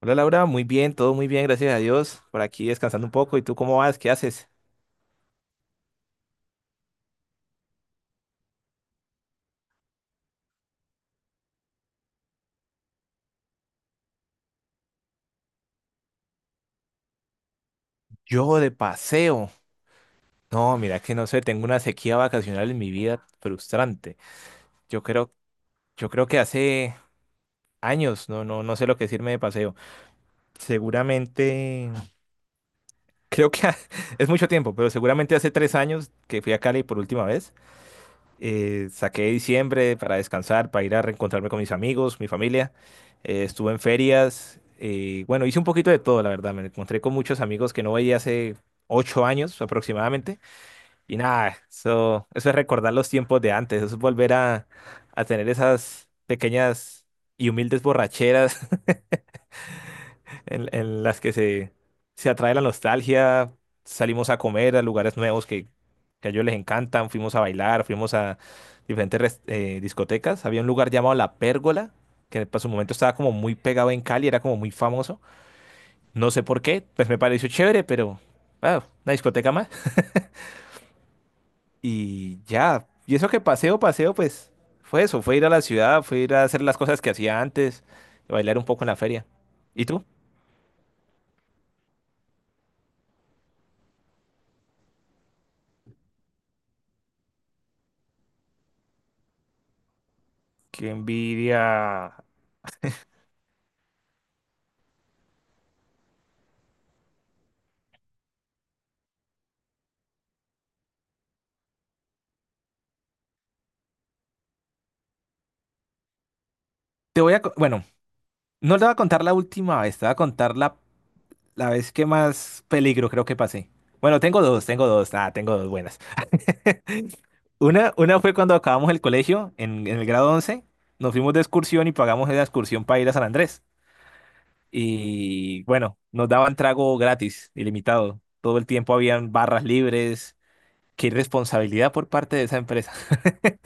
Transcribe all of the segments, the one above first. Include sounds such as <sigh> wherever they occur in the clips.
Hola Laura, muy bien, todo muy bien, gracias a Dios. Por aquí descansando un poco. ¿Y tú cómo vas? ¿Qué haces? Yo de paseo. No, mira que no sé, tengo una sequía vacacional en mi vida frustrante. Yo creo, yo creo que hace años, no, no, no sé lo que decirme de paseo. Seguramente, creo que <laughs> es mucho tiempo, pero seguramente hace 3 años que fui a Cali por última vez. Saqué diciembre para descansar, para ir a reencontrarme con mis amigos, mi familia. Estuve en ferias. Bueno, hice un poquito de todo, la verdad. Me encontré con muchos amigos que no veía hace 8 años aproximadamente. Y nada, eso es recordar los tiempos de antes. Eso es volver a tener esas pequeñas y humildes borracheras en las que se atrae la nostalgia, salimos a comer a lugares nuevos que a ellos les encantan, fuimos a bailar, fuimos a diferentes discotecas. Había un lugar llamado La Pérgola, que para su momento estaba como muy pegado en Cali, era como muy famoso. No sé por qué, pues me pareció chévere, pero una discoteca más. Y ya, y eso que paseo, paseo, pues fue eso, fue ir a la ciudad, fue ir a hacer las cosas que hacía antes, bailar un poco en la feria. ¿Y tú? Qué envidia. Te voy a... co- Bueno, no le voy a contar la última vez, te voy a contar la vez que más peligro creo que pasé. Bueno, tengo dos buenas. <laughs> Una fue cuando acabamos el colegio, en el grado 11, nos fuimos de excursión y pagamos la excursión para ir a San Andrés. Y bueno, nos daban trago gratis, ilimitado. Todo el tiempo habían barras libres. Qué irresponsabilidad por parte de esa empresa. <laughs>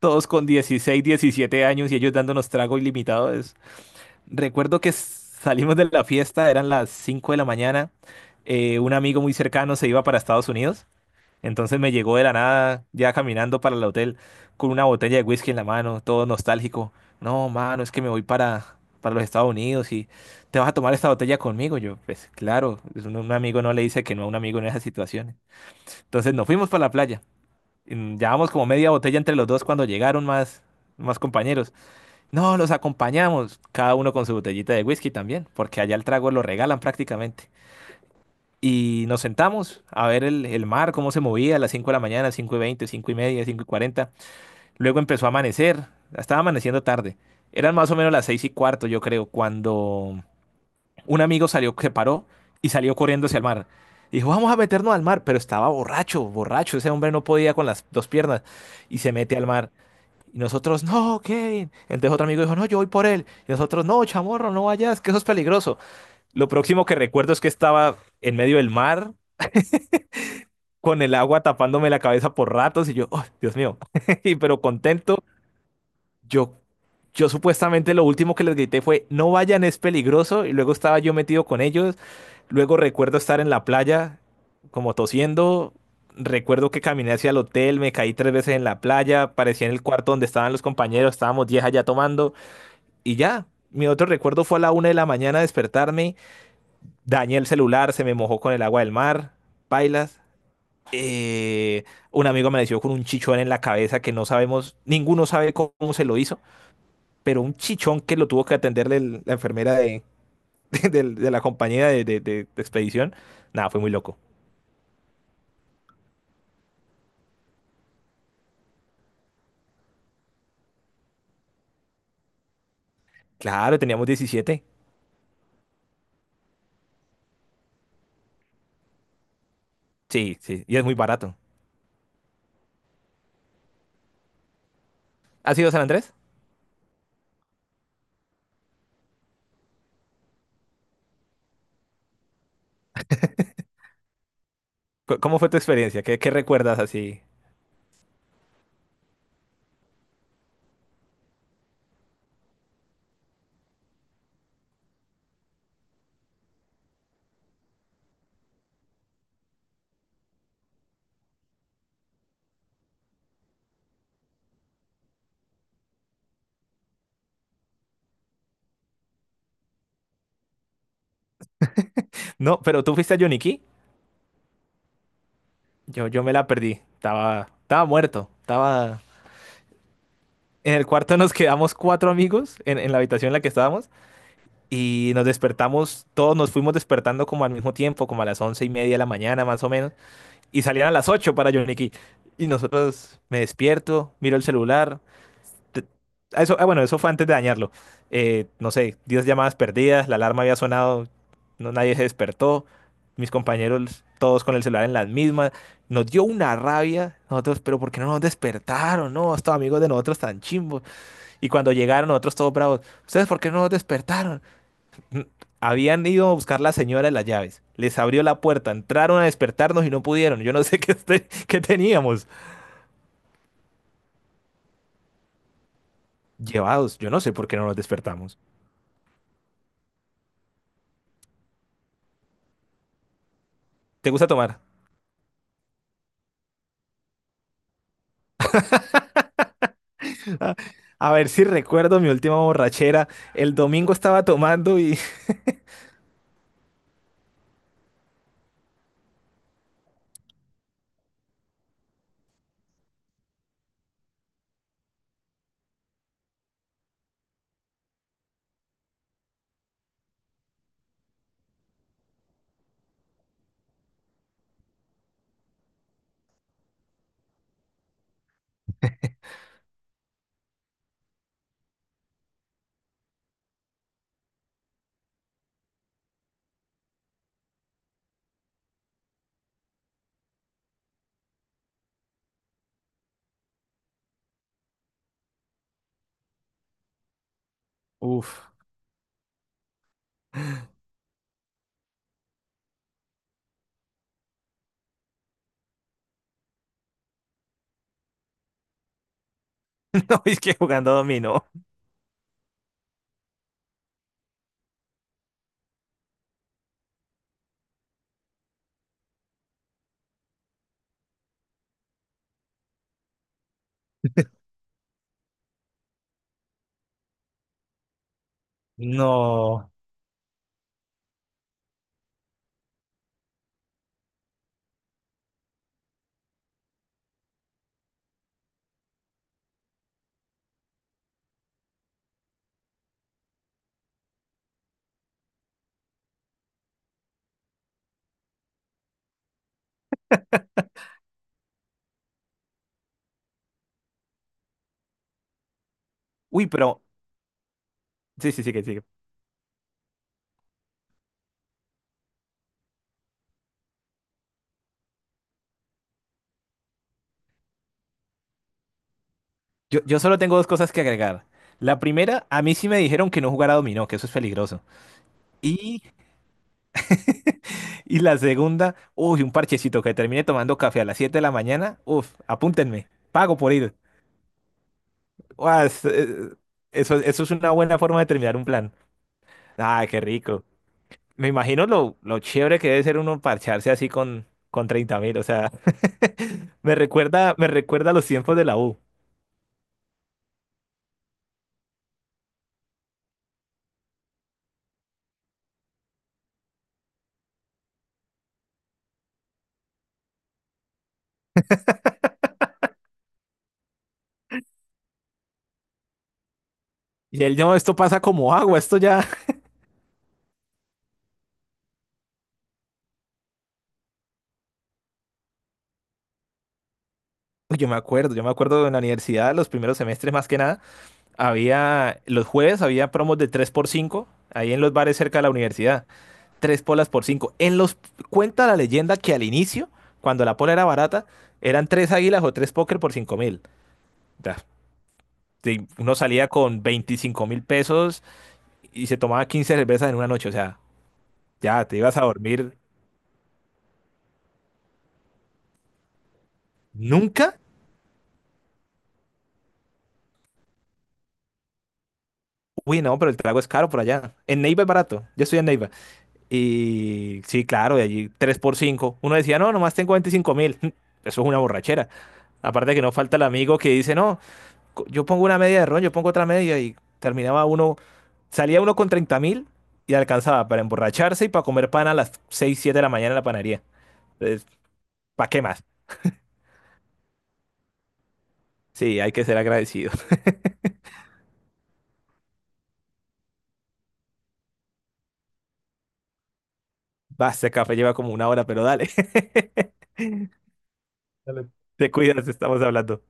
Todos con 16, 17 años y ellos dándonos trago ilimitado. Recuerdo que salimos de la fiesta, eran las 5 de la mañana. Un amigo muy cercano se iba para Estados Unidos. Entonces me llegó de la nada, ya caminando para el hotel, con una botella de whisky en la mano, todo nostálgico. No, mano, es que me voy para los Estados Unidos y te vas a tomar esta botella conmigo. Yo, pues claro, es un amigo no le dice que no a un amigo en esas situaciones. Entonces nos fuimos para la playa. Llevamos como media botella entre los dos cuando llegaron más compañeros. No, los acompañamos, cada uno con su botellita de whisky también, porque allá el trago lo regalan prácticamente. Y nos sentamos a ver el mar, cómo se movía a las 5 de la mañana, 5:20, 5:30, 5:40. Luego empezó a amanecer, estaba amaneciendo tarde. Eran más o menos las 6:15, yo creo, cuando un amigo salió, se paró y salió corriendo hacia el mar. Dijo, vamos a meternos al mar, pero estaba borracho, borracho. Ese hombre no podía con las dos piernas y se mete al mar. Y nosotros, no, Kevin. Entonces otro amigo dijo, no, yo voy por él. Y nosotros, no, chamorro, no vayas, que eso es peligroso. Lo próximo que recuerdo es que estaba en medio del mar, con el agua tapándome la cabeza por ratos, y yo, oh, Dios mío. <laughs> Y pero contento, yo, yo supuestamente lo último que les grité fue, no vayan, es peligroso. Y luego estaba yo metido con ellos. Luego recuerdo estar en la playa, como tosiendo. Recuerdo que caminé hacia el hotel, me caí tres veces en la playa, parecía en el cuarto donde estaban los compañeros, estábamos 10 allá tomando. Y ya, mi otro recuerdo fue a la 1 de la mañana despertarme, dañé el celular, se me mojó con el agua del mar, pailas. Eh, un amigo amaneció con un chichón en la cabeza que no sabemos, ninguno sabe cómo se lo hizo, pero un chichón que lo tuvo que atender la enfermera <laughs> de la compañía de expedición. Nada, fue muy loco. Claro, teníamos 17. Sí, sí, y es muy barato. ¿Has ido a San Andrés? ¿Cómo fue tu experiencia? ¿Qué recuerdas así? No, pero tú fuiste a Yoniquí. Yo me la perdí. Estaba muerto. Estaba. En el cuarto nos quedamos cuatro amigos en la habitación en la que estábamos y nos despertamos, todos nos fuimos despertando como al mismo tiempo, como a las 11:30 de la mañana más o menos, y salían a las 8 para Johnny Key. Y nosotros me despierto, miro el celular, te- bueno, eso fue antes de dañarlo. No sé, 10 llamadas perdidas, la alarma había sonado, no, nadie se despertó, mis compañeros todos con el celular en las mismas, nos dio una rabia, nosotros, pero ¿por qué no nos despertaron? No, estos amigos de nosotros tan chimbos. Y cuando llegaron nosotros todos bravos, ¿ustedes por qué no nos despertaron? Mm, Habían ido a buscar la señora de las llaves, les abrió la puerta, entraron a despertarnos y no pudieron, yo no sé <laughs> qué, qué teníamos. Llevados, yo no sé por qué no nos despertamos. ¿Te gusta tomar? A ver si recuerdo mi última borrachera. El domingo estaba tomando y... <laughs> Uf, <laughs> no, es que jugando dominó. No. Uy, pero... Sí, sí, sí, que sigue. Yo solo tengo dos cosas que agregar. La primera, a mí sí me dijeron que no jugara dominó, que eso es peligroso. Y, y la segunda, uy, un parchecito que termine tomando café a las 7 de la mañana. Uf, apúntenme. Pago por ir. Uas, eso es una buena forma de terminar un plan. Ah, qué rico. Me imagino lo chévere que debe ser uno parcharse así con 30.000, o sea, <laughs> me recuerda a los tiempos de la U. Y él, no, esto pasa como agua, esto ya... <laughs> Uy, Yo me acuerdo en la universidad, los primeros semestres más que nada, los jueves había promos de 3 por 5 ahí en los bares cerca de la universidad, 3 polas por 5. Cuenta la leyenda que al inicio, cuando la pola era barata, eran 3 águilas o 3 póker por 5.000. Ya, sí. Uno salía con 25.000 pesos y se tomaba 15 cervezas en una noche, o sea, ya te ibas a dormir nunca. Uy, no, pero el trago es caro por allá. En Neiva es barato. Yo estoy en Neiva. Y sí, claro, de allí 3 por cinco. Uno decía, no, nomás tengo 25.000. <laughs> Eso es una borrachera. Aparte que no falta el amigo que dice, no, yo pongo una media de ron, yo pongo otra media y salía uno con 30.000 y alcanzaba para emborracharse y para comer pan a las 6 7 de la mañana en la panadería. Entonces, ¿para qué más? Sí, hay que ser agradecido. Va, ese café lleva como una hora, pero dale. <laughs> Dale, te cuidas, estamos hablando.